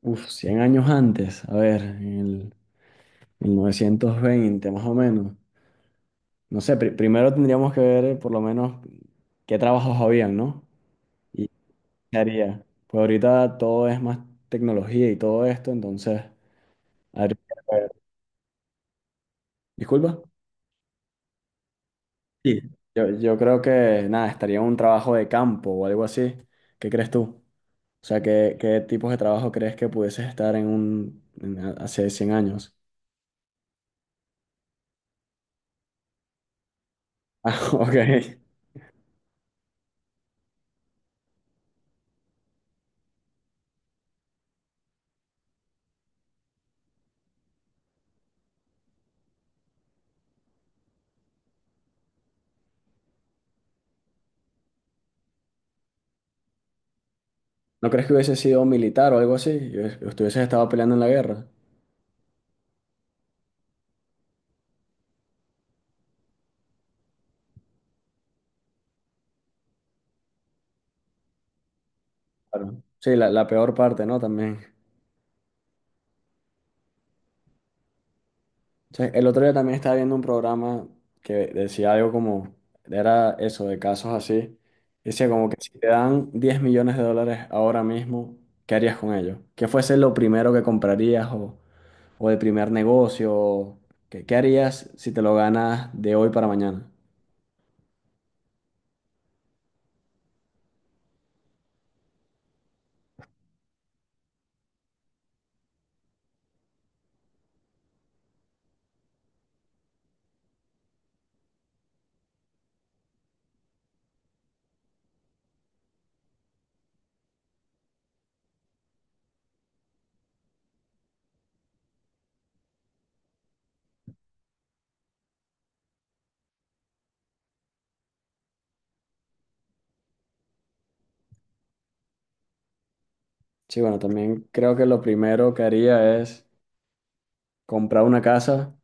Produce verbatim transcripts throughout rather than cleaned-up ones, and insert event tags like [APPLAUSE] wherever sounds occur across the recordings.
Uf, cien años antes, a ver, en el mil novecientos veinte más o menos. No sé, pri- primero tendríamos que ver eh, por lo menos qué trabajos habían, ¿no? Y qué haría. Pues ahorita todo es más tecnología y todo esto, entonces habría que ver. Disculpa. Sí. Yo, yo creo que, nada, estaría un trabajo de campo o algo así. ¿Qué crees tú? O sea, ¿qué, qué tipos de trabajo crees que pudieses estar en un en- hace cien años? [LAUGHS] Ah, ok. ¿No crees que hubiese sido militar o algo así? Y hubies- ¿Hubieses estado peleando en la guerra? Claro. Sí, la, la peor parte, ¿no? También. O sea, el otro día también estaba viendo un programa que decía algo como, era eso, de casos así. Decía como que si te dan diez millones de dólares ahora mismo, ¿qué harías con ellos? ¿Qué fuese lo primero que comprarías, o, o el primer negocio? ¿Qué, qué harías si te lo ganas de hoy para mañana? Sí, bueno, también creo que lo primero que haría es comprar una casa,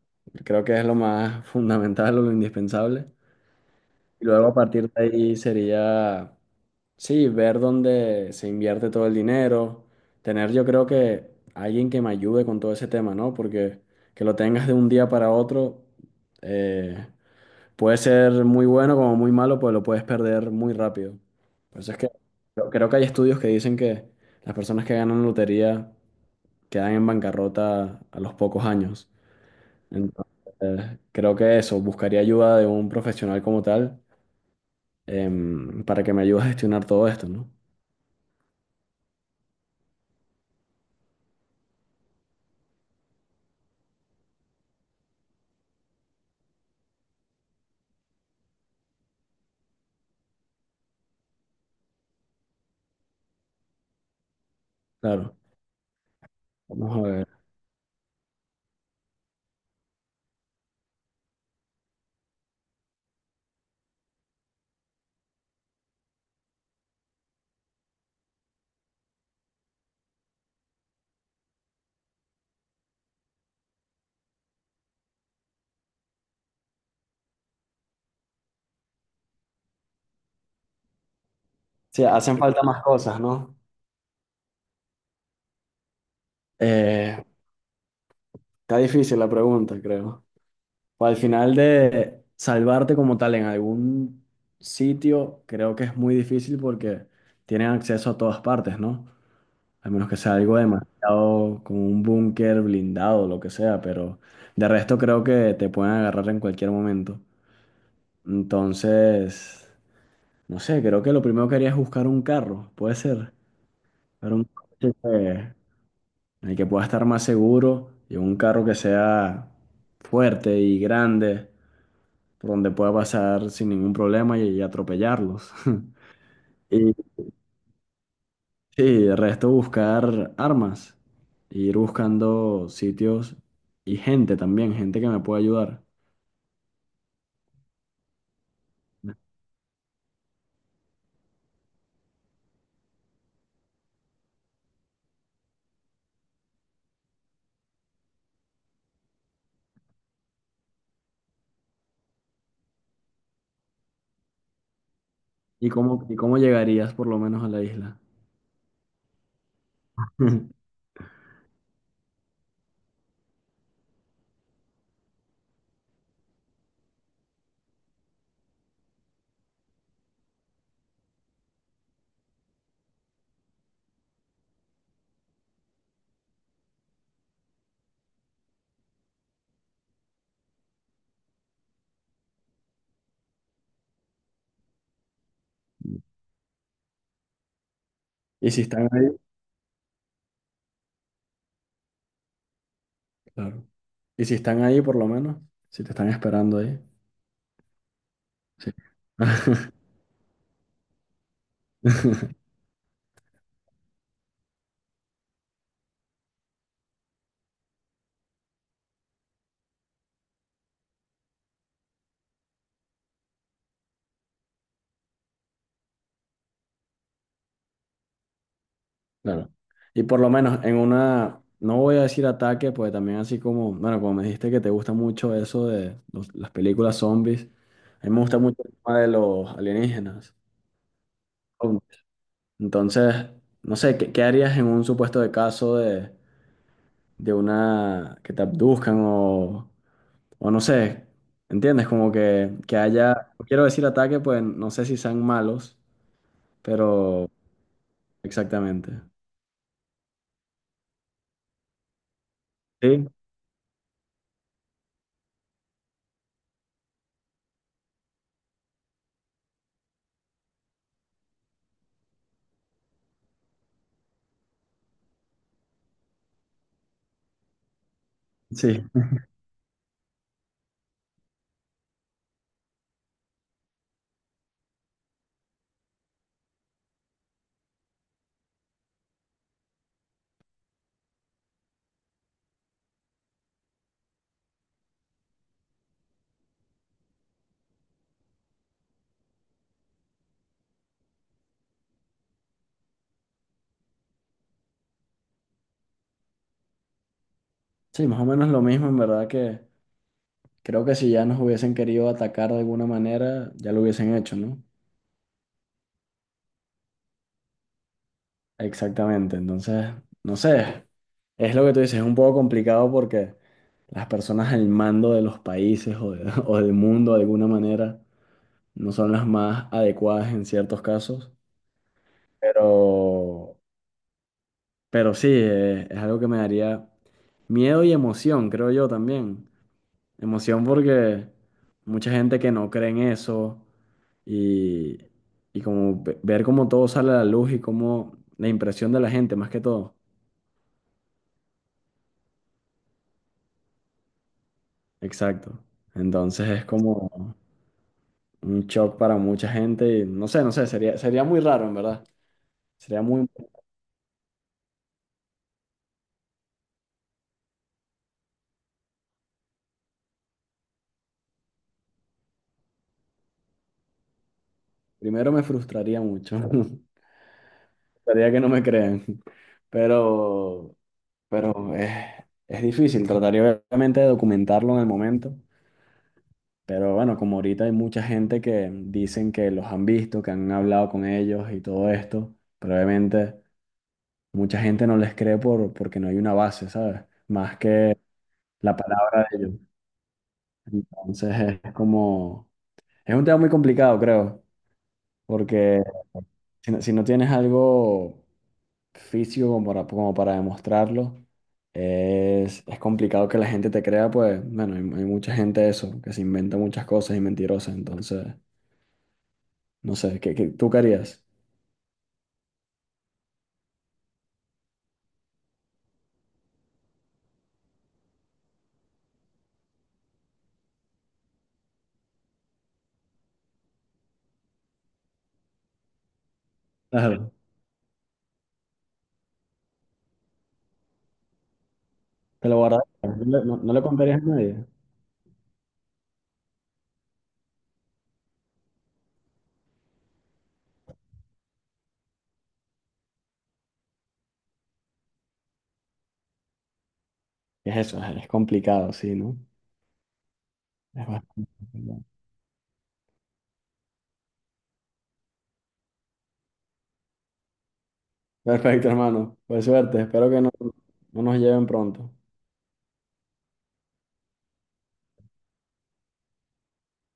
creo que es lo más [LAUGHS] fundamental o lo indispensable. Y luego a partir de ahí sería, sí, ver dónde se invierte todo el dinero, tener yo creo que alguien que me ayude con todo ese tema, ¿no? Porque que lo tengas de un día para otro eh, puede ser muy bueno como muy malo, pues lo puedes perder muy rápido. Por eso es que creo creo que hay estudios que dicen que las personas que ganan lotería quedan en bancarrota a los pocos años. Entonces, creo que eso, buscaría ayuda de un profesional como tal, em, para que me ayude a gestionar todo esto, ¿no? Claro, vamos a ver. Sí, hacen falta más cosas, ¿no? Eh, Está difícil la pregunta, creo. O al final de salvarte como tal en algún sitio, creo que es muy difícil porque tienen acceso a todas partes, ¿no? A menos que sea algo demasiado como un búnker blindado, lo que sea, pero de resto creo que te pueden agarrar en cualquier momento. Entonces, no sé, creo que lo primero que haría es buscar un carro, puede ser, pero un coche que- en el que pueda estar más seguro y un carro que sea fuerte y grande, por donde pueda pasar sin ningún problema y, y atropellarlos. [LAUGHS] Y sí, el resto buscar armas, ir buscando sitios y gente también, gente que me pueda ayudar. ¿Y cómo, y cómo llegarías por lo menos a la isla? [LAUGHS] ¿Y si están ahí? Claro. Y si están ahí, por lo menos, si te están esperando ahí, sí. [LAUGHS] Claro. Y por lo menos en una, no voy a decir ataque, pues también así como, bueno, como me dijiste que te gusta mucho eso de los- las películas zombies, a mí me gusta mucho el tema de los alienígenas. Entonces, no sé, ¿qué, qué harías en un supuesto de caso de, de una que te abduzcan, o, o no sé, ¿entiendes? Como que, que haya, no quiero decir ataque, pues no sé si sean malos, pero exactamente. Sí. Sí, sí, más o menos lo mismo, en verdad que creo que si ya nos hubiesen querido atacar de alguna manera, ya lo hubiesen hecho, ¿no? Exactamente, entonces, no sé, es lo que tú dices, es un poco complicado porque las personas al mando de los países, o, de- [LAUGHS] o del mundo de alguna manera no son las más adecuadas en ciertos casos, pero, pero sí, eh, es algo que me daría miedo y emoción, creo yo también. Emoción porque mucha gente que no cree en eso y, y como ve- ver cómo todo sale a la luz y cómo la impresión de la gente, más que todo. Exacto. Entonces es como un shock para mucha gente y no sé, no sé, sería, sería muy raro en verdad. Sería muy, primero me frustraría mucho. [LAUGHS] Sería que no me crean. Pero, pero es, es difícil. Trataría obviamente de documentarlo en el momento. Pero bueno, como ahorita hay mucha gente que dicen que los han visto, que han hablado con ellos y todo esto, probablemente mucha gente no les cree por, porque no hay una base, ¿sabes? Más que la palabra de ellos. Entonces es como, es un tema muy complicado, creo, porque si, no si no tienes algo físico como para, como para demostrarlo, es, es complicado que la gente te crea, pues bueno, hay, hay mucha gente eso, que se inventa muchas cosas y mentirosas, entonces. No sé, ¿qué, qué- tú querías. Claro. ¿Te lo guardas? ¿No le, no- no le contarías a nadie? Es eso, es complicado, sí, ¿no? Es bastante complicado. Perfecto, hermano. Pues suerte, espero que no, no nos lleven pronto.